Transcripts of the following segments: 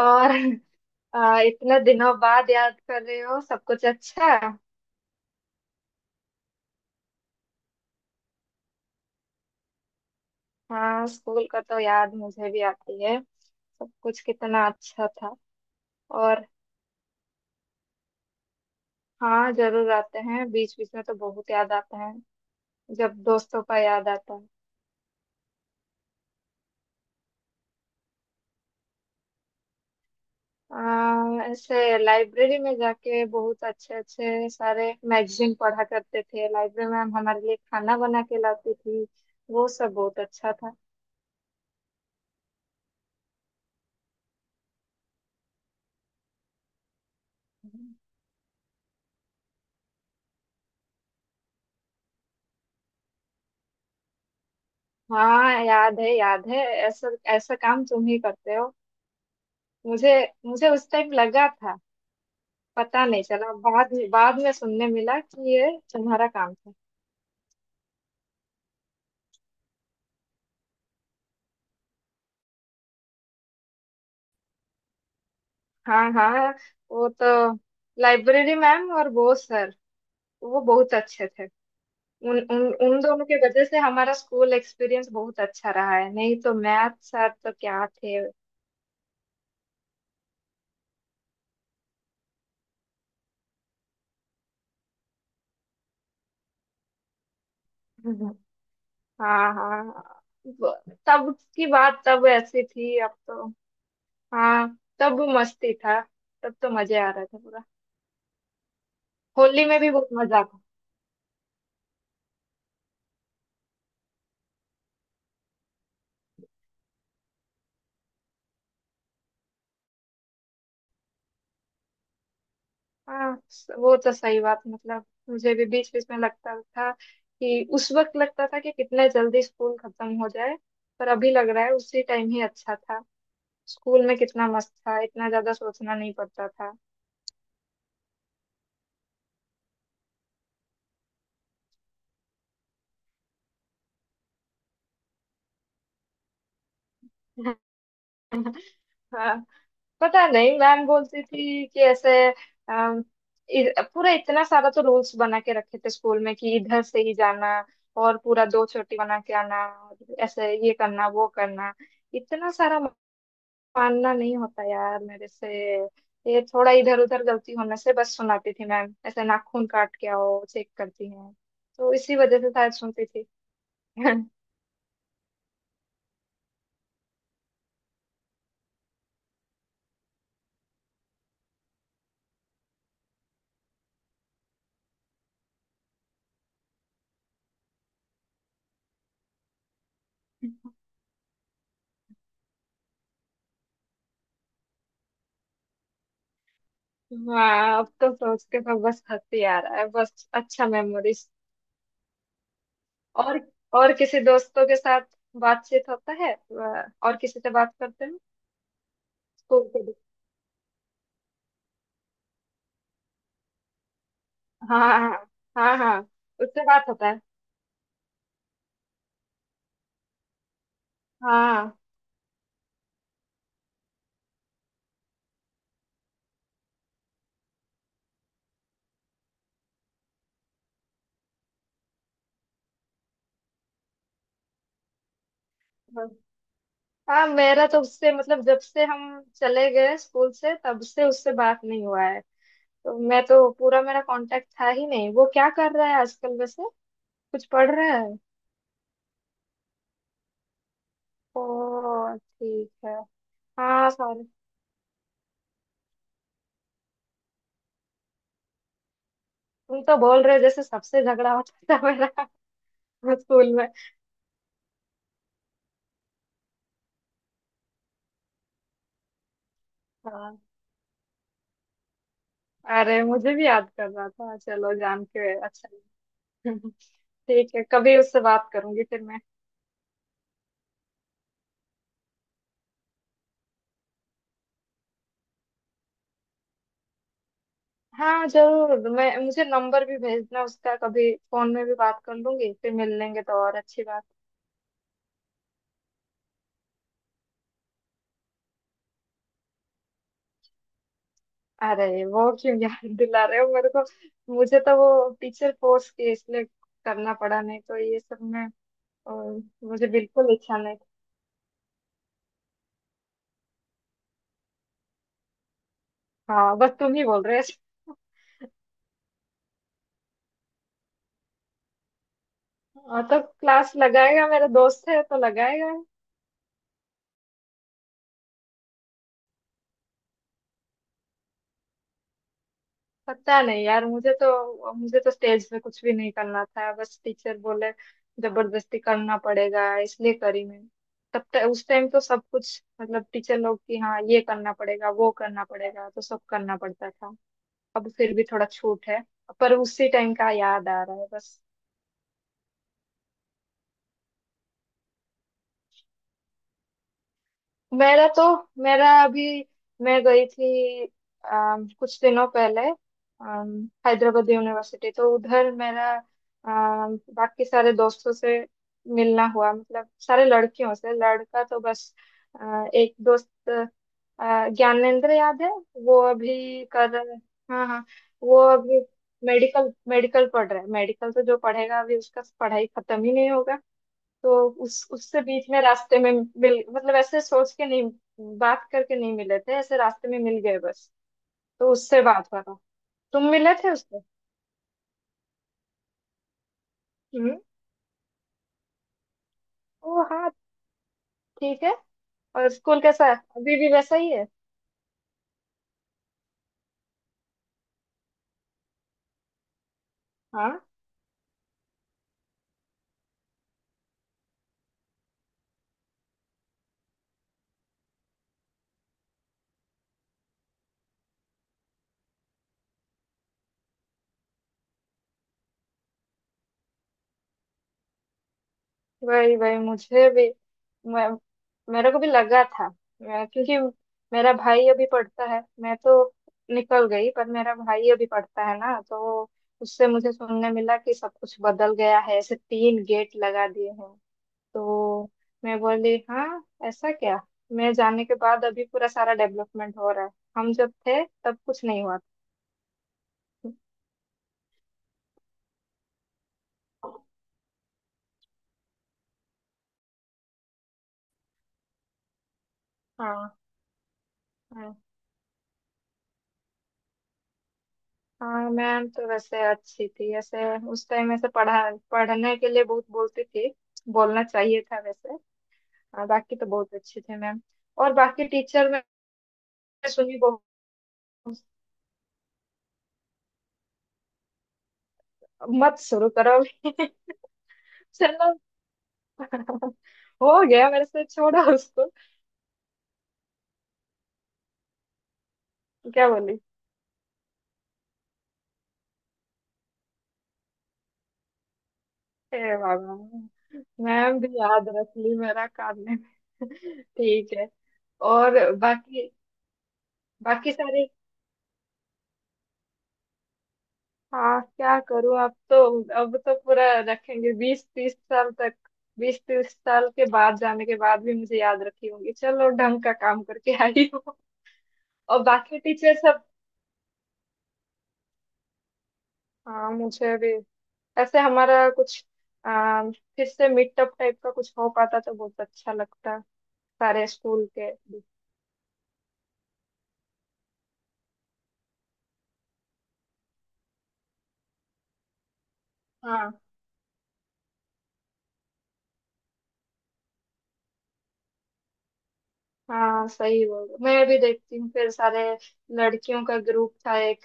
और। इतने दिनों बाद याद कर रहे हो, सब कुछ अच्छा? हाँ, स्कूल का तो याद मुझे भी आती है। सब कुछ कितना अच्छा था। और। हाँ, जरूर आते हैं, बीच बीच में तो बहुत याद आता है, जब दोस्तों का याद आता है। ऐसे लाइब्रेरी में जाके बहुत अच्छे अच्छे सारे मैगजीन पढ़ा करते थे, लाइब्रेरी में हम हमारे लिए खाना बना के लाती थी। वो सब बहुत अच्छा था। हाँ, याद है, याद है। ऐसा ऐसा काम तुम ही करते हो। मुझे मुझे उस टाइम लगा था, पता नहीं चला, बाद में सुनने मिला कि ये तुम्हारा काम था। हाँ, हाँ। वो तो लाइब्रेरी मैम और बोस सर, वो बहुत अच्छे थे। उन उन उन दोनों के वजह से हमारा स्कूल एक्सपीरियंस बहुत अच्छा रहा है। नहीं तो मैथ सर तो क्या थे। हम्म। हाँ, हाँ। तब की बात तब ऐसी थी, अब तो। हाँ, तब मस्ती था। तब तो मजे आ रहा था पूरा। होली में भी बहुत मजा था। हाँ, वो तो सही बात। मतलब मुझे भी बीच बीच में लगता था कि उस वक्त लगता था कि कितने जल्दी स्कूल खत्म हो जाए। पर अभी लग रहा है उसी टाइम ही अच्छा था। स्कूल में कितना मस्त था, इतना ज्यादा सोचना नहीं पड़ता था। हाँ, पता नहीं, मैम बोलती थी कि ऐसे अम, पूरा इतना सारा तो रूल्स बना के रखे थे स्कूल में कि इधर से ही जाना, और पूरा दो चोटी बना के आना, और ऐसे ये करना, वो करना। इतना सारा मानना नहीं होता यार मेरे से। ये थोड़ा इधर उधर गलती होने से बस सुनाती थी मैम, ऐसे नाखून काट के आओ, चेक करती हैं। तो इसी वजह से शायद सुनती थी। हाँ, अब तो सोच के तो बस हंसी आ रहा है, बस अच्छा मेमोरीज। और और किसी दोस्तों के साथ बातचीत होता है, और किसी से बात करते हैं? स्कूल के दोस्त- हाँ, हाँ, हाँ, हाँ। उससे बात होता है? हाँ, हाँ। मेरा तो उससे, मतलब जब से हम चले गए स्कूल से, तब से उससे बात नहीं हुआ है। तो मैं तो, पूरा मेरा कांटेक्ट था ही नहीं। वो क्या कर रहा है आजकल वैसे? कुछ पढ़ रहा है? ओ, ठीक है। हाँ, सॉरी। तुम तो बोल रहे हो जैसे सबसे झगड़ा होता था मेरा। स्कूल में। हाँ, अरे मुझे भी याद कर रहा था, चलो, जान के अच्छा लगा। ठीक है, कभी उससे बात करूंगी फिर मैं। हाँ, जरूर। मैं मुझे नंबर भी भेजना उसका, कभी फोन में भी बात कर लूंगी, फिर मिल लेंगे तो और अच्छी बात। अरे, वो क्यों याद दिला रहे हो मेरे को? मुझे तो वो टीचर कोर्स के इसलिए करना पड़ा, नहीं तो ये सब में अ, मुझे बिल्कुल इच्छा नहीं थी। हाँ, बस तुम ही बोल रहे हो। हाँ, तो क्लास लगाएगा, मेरा दोस्त है तो लगाएगा। पता नहीं यार, मुझे तो स्टेज पे कुछ भी नहीं करना था, बस टीचर बोले जबरदस्ती करना पड़ेगा इसलिए करी मैं। तब तक उस टाइम तो सब कुछ, मतलब टीचर लोग की हाँ, ये करना पड़ेगा, वो करना पड़ेगा, तो सब करना पड़ता था। अब फिर भी थोड़ा छूट है, पर उसी टाइम का याद आ रहा है बस। मेरा तो मेरा अभी, मैं गई थी कुछ दिनों पहले हैदराबाद यूनिवर्सिटी, तो उधर मेरा बाकी सारे दोस्तों से मिलना हुआ, मतलब सारे लड़कियों से। लड़का तो बस एक दोस्त, ज्ञानेंद्र, याद है? वो अभी कर रहा है। हाँ, हाँ। वो अभी मेडिकल मेडिकल पढ़ रहा है। मेडिकल तो जो पढ़ेगा, अभी उसका पढ़ाई खत्म ही नहीं होगा। तो उस उससे बीच में रास्ते में मिल मतलब ऐसे सोच के नहीं, बात करके नहीं मिले थे, ऐसे रास्ते में मिल गए बस। तो उससे बात हुआ था। तुम मिले थे उससे? हम्म। ओ हाँ, ठीक है। और स्कूल कैसा है, अभी भी वैसा ही है? हाँ, वही वही मुझे भी, मैं मेरे को भी लगा था। क्योंकि मेरा भाई अभी पढ़ता है, मैं तो निकल गई पर मेरा भाई अभी पढ़ता है ना, तो उससे मुझे सुनने मिला कि सब कुछ बदल गया है, ऐसे तीन गेट लगा दिए हैं। तो मैं बोली हाँ, ऐसा क्या! मैं जाने के बाद अभी पूरा सारा डेवलपमेंट हो रहा है, हम जब थे तब कुछ नहीं हुआ था। हाँ, हाँ, हाँ। मैम तो वैसे अच्छी थी। ऐसे उस टाइम ऐसे पढ़ा पढ़ने के लिए बहुत बोलती थी, बोलना चाहिए था वैसे। हाँ, बाकी तो बहुत अच्छे थे मैम, और बाकी टीचर। मैं सुनी बहुत। मत शुरू करो अभी। चलो। हो गया, मेरे से छोड़ा उसको। क्या बोली? हे बाबा, मैम भी याद रख ली मेरा काम! ठीक है। और बाकी बाकी सारे, हाँ क्या करूँ अब तो। अब तो पूरा रखेंगे 20-30 साल तक। 20-30 साल के बाद जाने के बाद भी मुझे याद रखी होंगी, चलो ढंग का काम करके आई हो। और बाकी टीचर सब, हाँ मुझे भी ऐसे हमारा कुछ फिर से मीटअप टाइप का कुछ हो पाता तो बहुत अच्छा लगता। सारे स्कूल के। हाँ, हाँ, सही बोल रहे हो। मैं भी देखती हूँ। फिर सारे लड़कियों का ग्रुप था एक।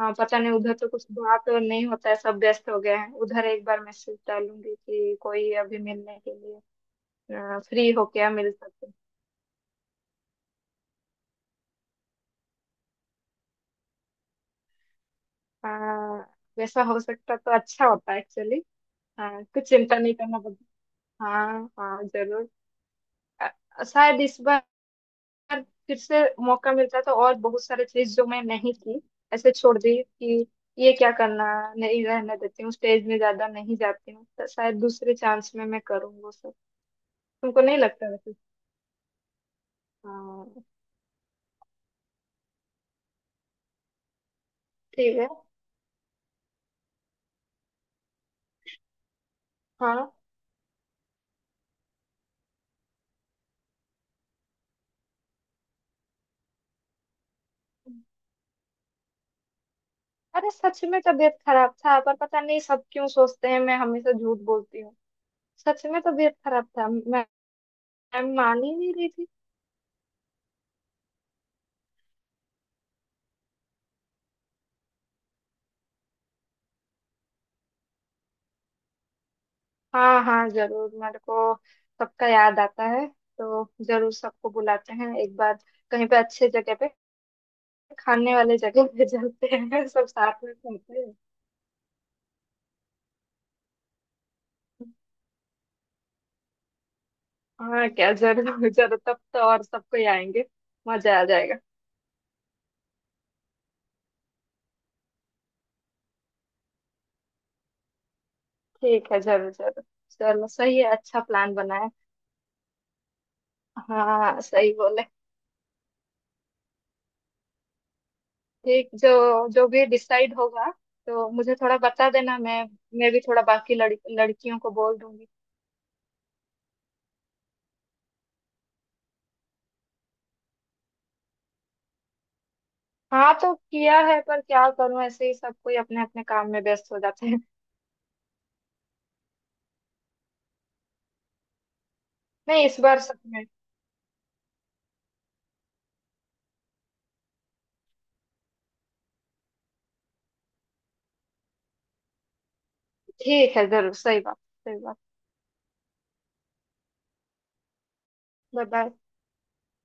हाँ, पता नहीं, उधर तो कुछ बात और नहीं होता है, सब व्यस्त हो गए हैं। उधर एक बार मैसेज डालूंगी कि कोई अभी मिलने के लिए फ्री हो क्या, मिल सकते हैं। हाँ, वैसा हो सकता तो अच्छा होता एक्चुअली। हाँ, कुछ चिंता नहीं करना पड़ता। हाँ, हाँ, जरूर। शायद इस बार बार फिर से मौका मिलता तो और बहुत सारे चीज जो मैं नहीं की, ऐसे छोड़ दी कि ये क्या करना, नहीं रहने देती हूँ, स्टेज में ज्यादा नहीं जाती हूँ, तो शायद दूसरे चांस में मैं करूँ वो सब। तुमको नहीं लगता वैसे? हाँ। ठीक है। हाँ। अरे सच में तबीयत खराब था, पर पता नहीं सब क्यों सोचते हैं मैं हमेशा झूठ बोलती हूँ। सच में तबीयत खराब था। मैं मान ही नहीं रही थी। हाँ, हाँ, जरूर। मेरे को सबका याद आता है, तो जरूर सबको बुलाते हैं एक बार कहीं पे, अच्छे जगह पे, खाने वाले जगह पे चलते हैं, सब साथ में खाते हैं। हाँ क्या, जरूर जरूर, तब तो और सबको ही आएंगे, मजा आ जाएगा। ठीक है, जरूर जरूर, चलो सही है, अच्छा प्लान बनाए। हाँ, सही बोले। ठीक, जो जो भी डिसाइड होगा तो मुझे थोड़ा बता देना। मैं भी थोड़ा बाकी लड़कियों को बोल दूंगी। हाँ, तो किया है पर क्या करूं, ऐसे ही सब कोई अपने अपने काम में व्यस्त हो जाते हैं। नहीं इस बार सच में। ठीक है, जरूर। सही बात, सही बात। Bye bye.